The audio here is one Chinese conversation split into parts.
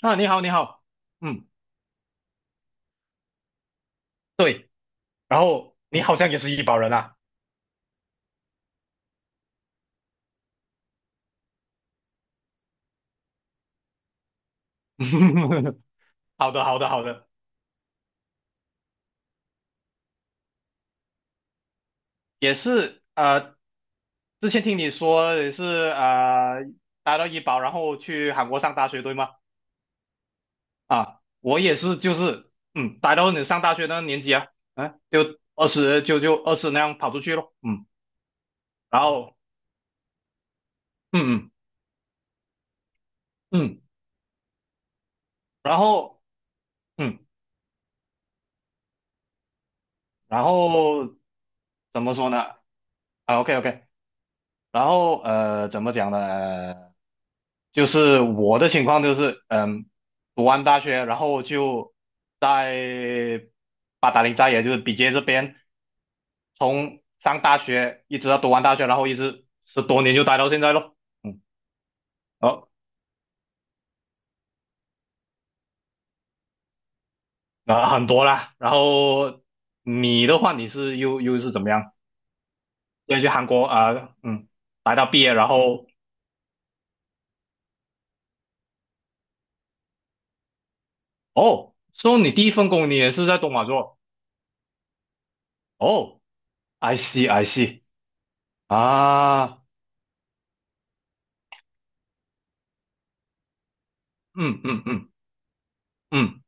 啊，你好，你好，嗯，对，然后你好像也是医保人啊。好的，好的，好的。也是，之前听你说也是，呃，待到医保，然后去韩国上大学，对吗？啊，我也是，就是，待到你上大学那个年纪啊。就二十那样跑出去咯。嗯，然后，嗯嗯嗯，然后，嗯，然后怎么说呢？啊，OK OK。然后怎么讲呢？就是我的情况就是，读完大学，然后就在八达岭寨，也就是比杰这边，从上大学一直到读完大学，然后一直十多年就待到现在咯。嗯，哦，那很多啦。然后你的话，你是又是怎么样？先去韩国啊，待到毕业，然后哦，说你第一份工你也是在东莞做？哦，I see I see 啊。嗯嗯嗯嗯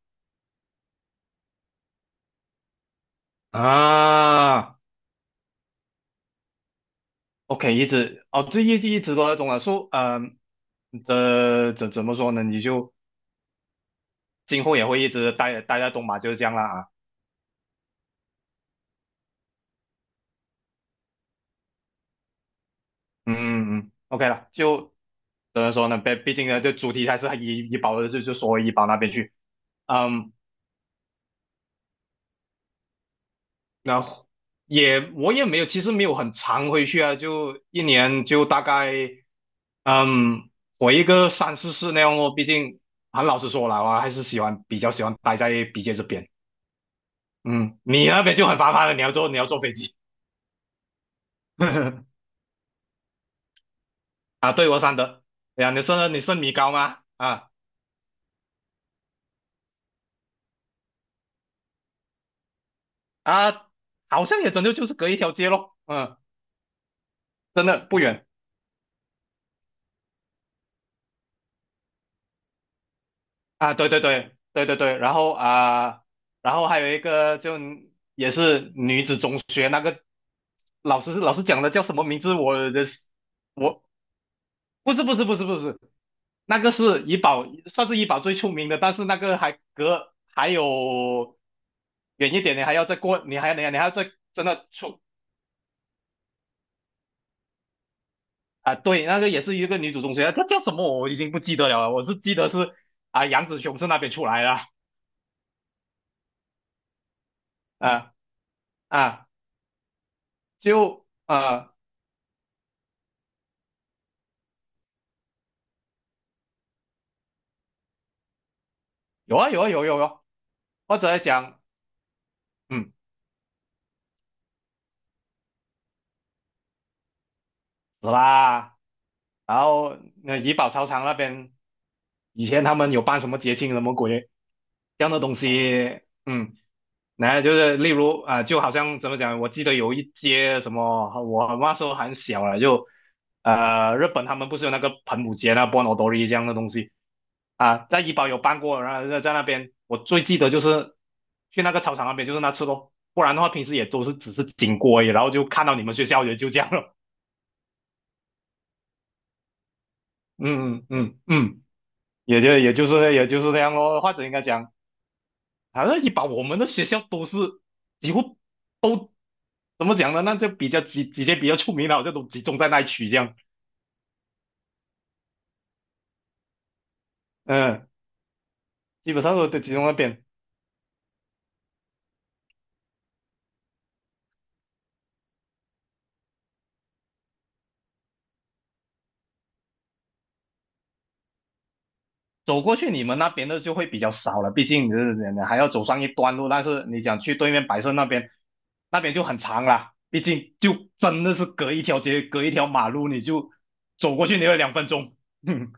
啊。OK,一直哦，这一直一直都在东马。说这怎么说呢？你就今后也会一直待在东马，就是这样啦啊。嗯嗯 o k 了，就怎么说呢？毕竟呢，这主题还是以医保的，就说回医保那边去。嗯，然后我也没有，其实没有很常回去啊，就一年就大概嗯回个三四次那样哦。毕竟很老实说了，我还是比较喜欢待在 BJ 这边。嗯，你那边就很麻烦了，你要坐飞机。 啊？对，我三德。哎呀，你是米高吗？啊。啊，好像也真的就是隔一条街咯。嗯，真的不远啊。对对对对对对。然后还有一个就也是女子中学那个老师讲的叫什么名字？我不是不是不是不是，那个是怡保，算是怡保最出名的，但是那个还有远一点，你还要再过，你还要再真的出。啊，对，那个也是一个女主中学，她叫什么我已经不记得了啊，我是记得是啊杨紫琼是那边出来的啊。啊，就有啊有啊有有有啊，或者讲嗯是啦。然后那怡保操场那边以前他们有办什么节庆什么鬼这样的东西。嗯。那就是例如啊、就好像怎么讲？我记得有一街什么，我那时候很小了，就日本他们不是有那个盆舞节、那波 o 多 i 这样的东西啊，在怡保有办过，然后在那边，我最记得就是去那个操场那边，就是那次咯，不然的话平时也都是只是经过而已然后就看到你们学校也就这样了。嗯嗯嗯嗯，也就是那样咯，或者应该讲，反正怡保我们的学校都是几乎怎么讲呢？那就比较几间比较出名的，就都集中在那一区这样。嗯，基本上都集中那边。走过去你们那边的就会比较少了，毕竟你还要走上一段路。但是你想去对面白色那边，那边就很长了，毕竟就真的是隔一条街，隔一条马路，你就走过去你要2分钟。嗯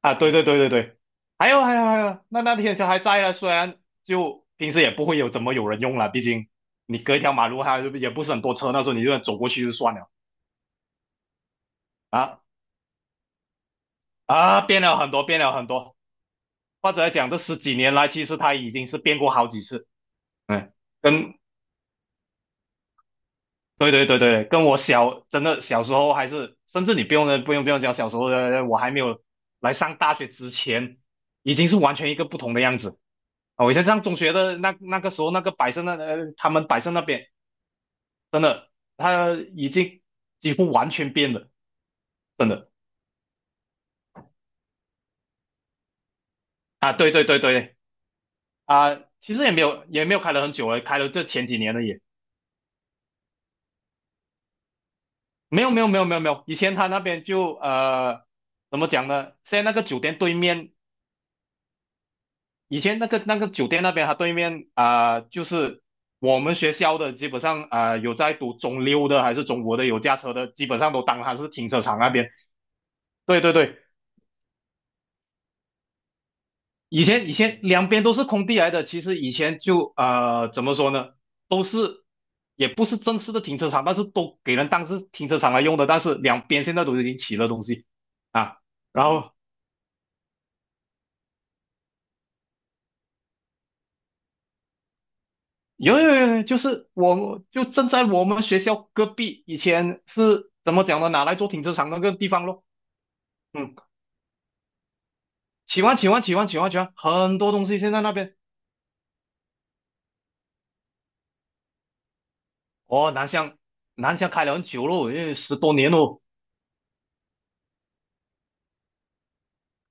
啊，对对对对对，还有还有还有，那天车还在啊，虽然就平时也不会有怎么有人用了，毕竟你隔一条马路，它也不是很多车，那时候你就走过去就算了。啊，啊，变了很多，变了很多。或者来讲，这十几年来，其实它已经是变过好几次。嗯，跟对对对对，跟真的小时候还是，甚至你不用讲小时候的，我还没有来上大学之前，已经是完全一个不同的样子。啊，我以前上中学的那个时候，那个百盛那，他们百盛那边真的，他已经几乎完全变了，真的。啊！对对对对。啊，其实也没有开了很久了，开了这前几年了也。没有没有没有没有没有，以前他那边就怎么讲呢？现在那个酒店对面，以前那个酒店那边，他对面啊、就是我们学校的基本上啊、有在读中六的还是中国的有驾车的，基本上都当它是停车场那边。对对对，以前两边都是空地来的，其实以前就怎么说呢，都是也不是正式的停车场，但是都给人当是停车场来用的，但是两边现在都已经起了东西啊。然后有有有，有就是我就正在我们学校隔壁，以前是怎么讲的？拿来做停车场那个地方咯。嗯，喜欢喜欢喜欢喜欢喜欢，很多东西现在那边哦，南翔开了很久咯，因为十多年咯。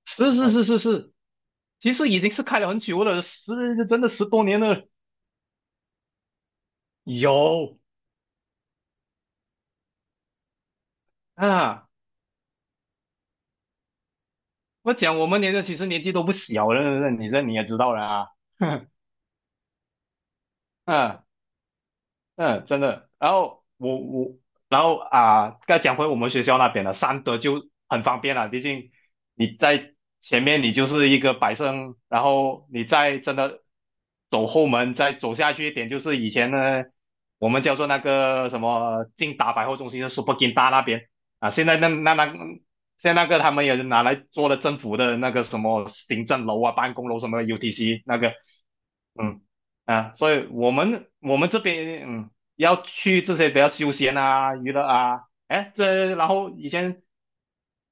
是是哦是是是，其实已经是开了很久了，真的十多年了。有啊，我讲我们年纪其实年纪都不小了，你也知道了啊。嗯、嗯，真的。然后我我，然后啊，再讲回我们学校那边了，三德就很方便了，毕竟你在前面你就是一个百盛，然后你再真的走后门，再走下去一点，就是以前呢我们叫做那个什么劲达百货中心的 Super Ginta 那边。啊，现在那个他们也是拿来做了政府的那个什么行政楼啊、办公楼什么的 UTC 那个。嗯。啊，所以我们这边，要去这些比较休闲啊、娱乐啊，哎，然后以前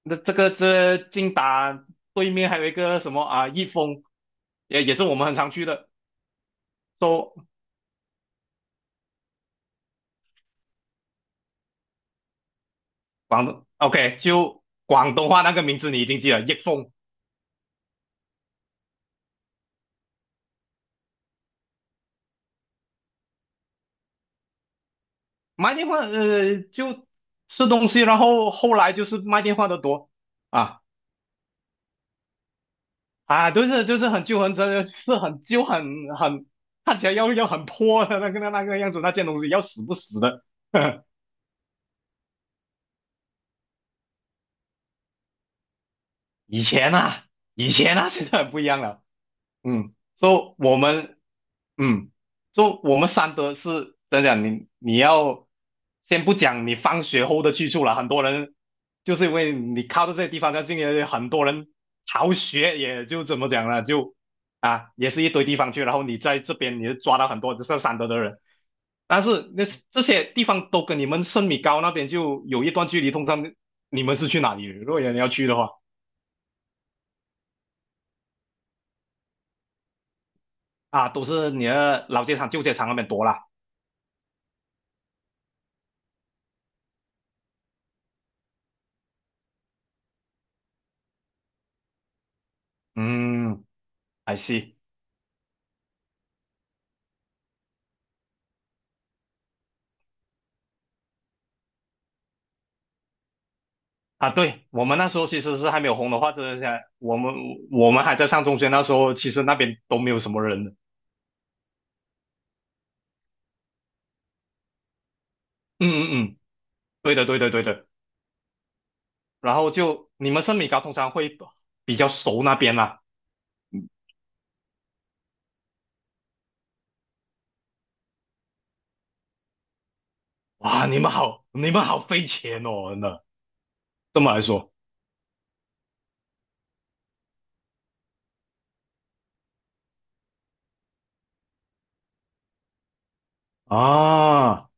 的这近达对面还有一个什么啊，益丰，也是我们很常去的。说广东，OK,就广东话那个名字你已经记了，益丰卖电话，就吃东西，然后后来就是卖电话的多。啊啊，就是很旧很真的是很旧很看起来要很破的那个样子，那件东西要死不死的。以前啊，以前啊，现在很不一样了。说、我们，嗯，说、我们三德是怎讲？你要先不讲你放学后的去处了，很多人就是因为你靠着这些地方，那进来很多人逃学，也就怎么讲呢？也是一堆地方去，然后你在这边你就抓到很多就是三德的人。但是这些地方都跟你们圣米高那边就有一段距离，通常你们是去哪里？如果人要去的话。啊，都是你的老街场、旧街场那边多啦。嗯还是啊，对，我们那时候其实是还没有红的话，真的想我们还在上中学那时候，其实那边都没有什么人的。嗯嗯嗯，对的对的对的。然后就你们圣米高通常会比较熟那边啦。哇，你们好费钱哦，真的。这么来说啊，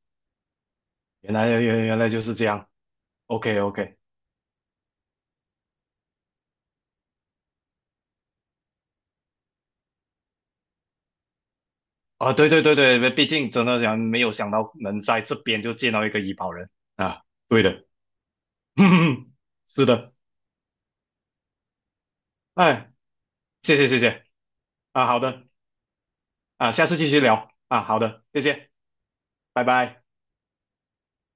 原来就是这样。OK OK。啊，对对对对，毕竟真的想没有想到能在这边就见到一个医保人啊，对的，是的，哎，谢谢谢谢啊，好的啊，下次继续聊啊，好的，谢谢，拜拜。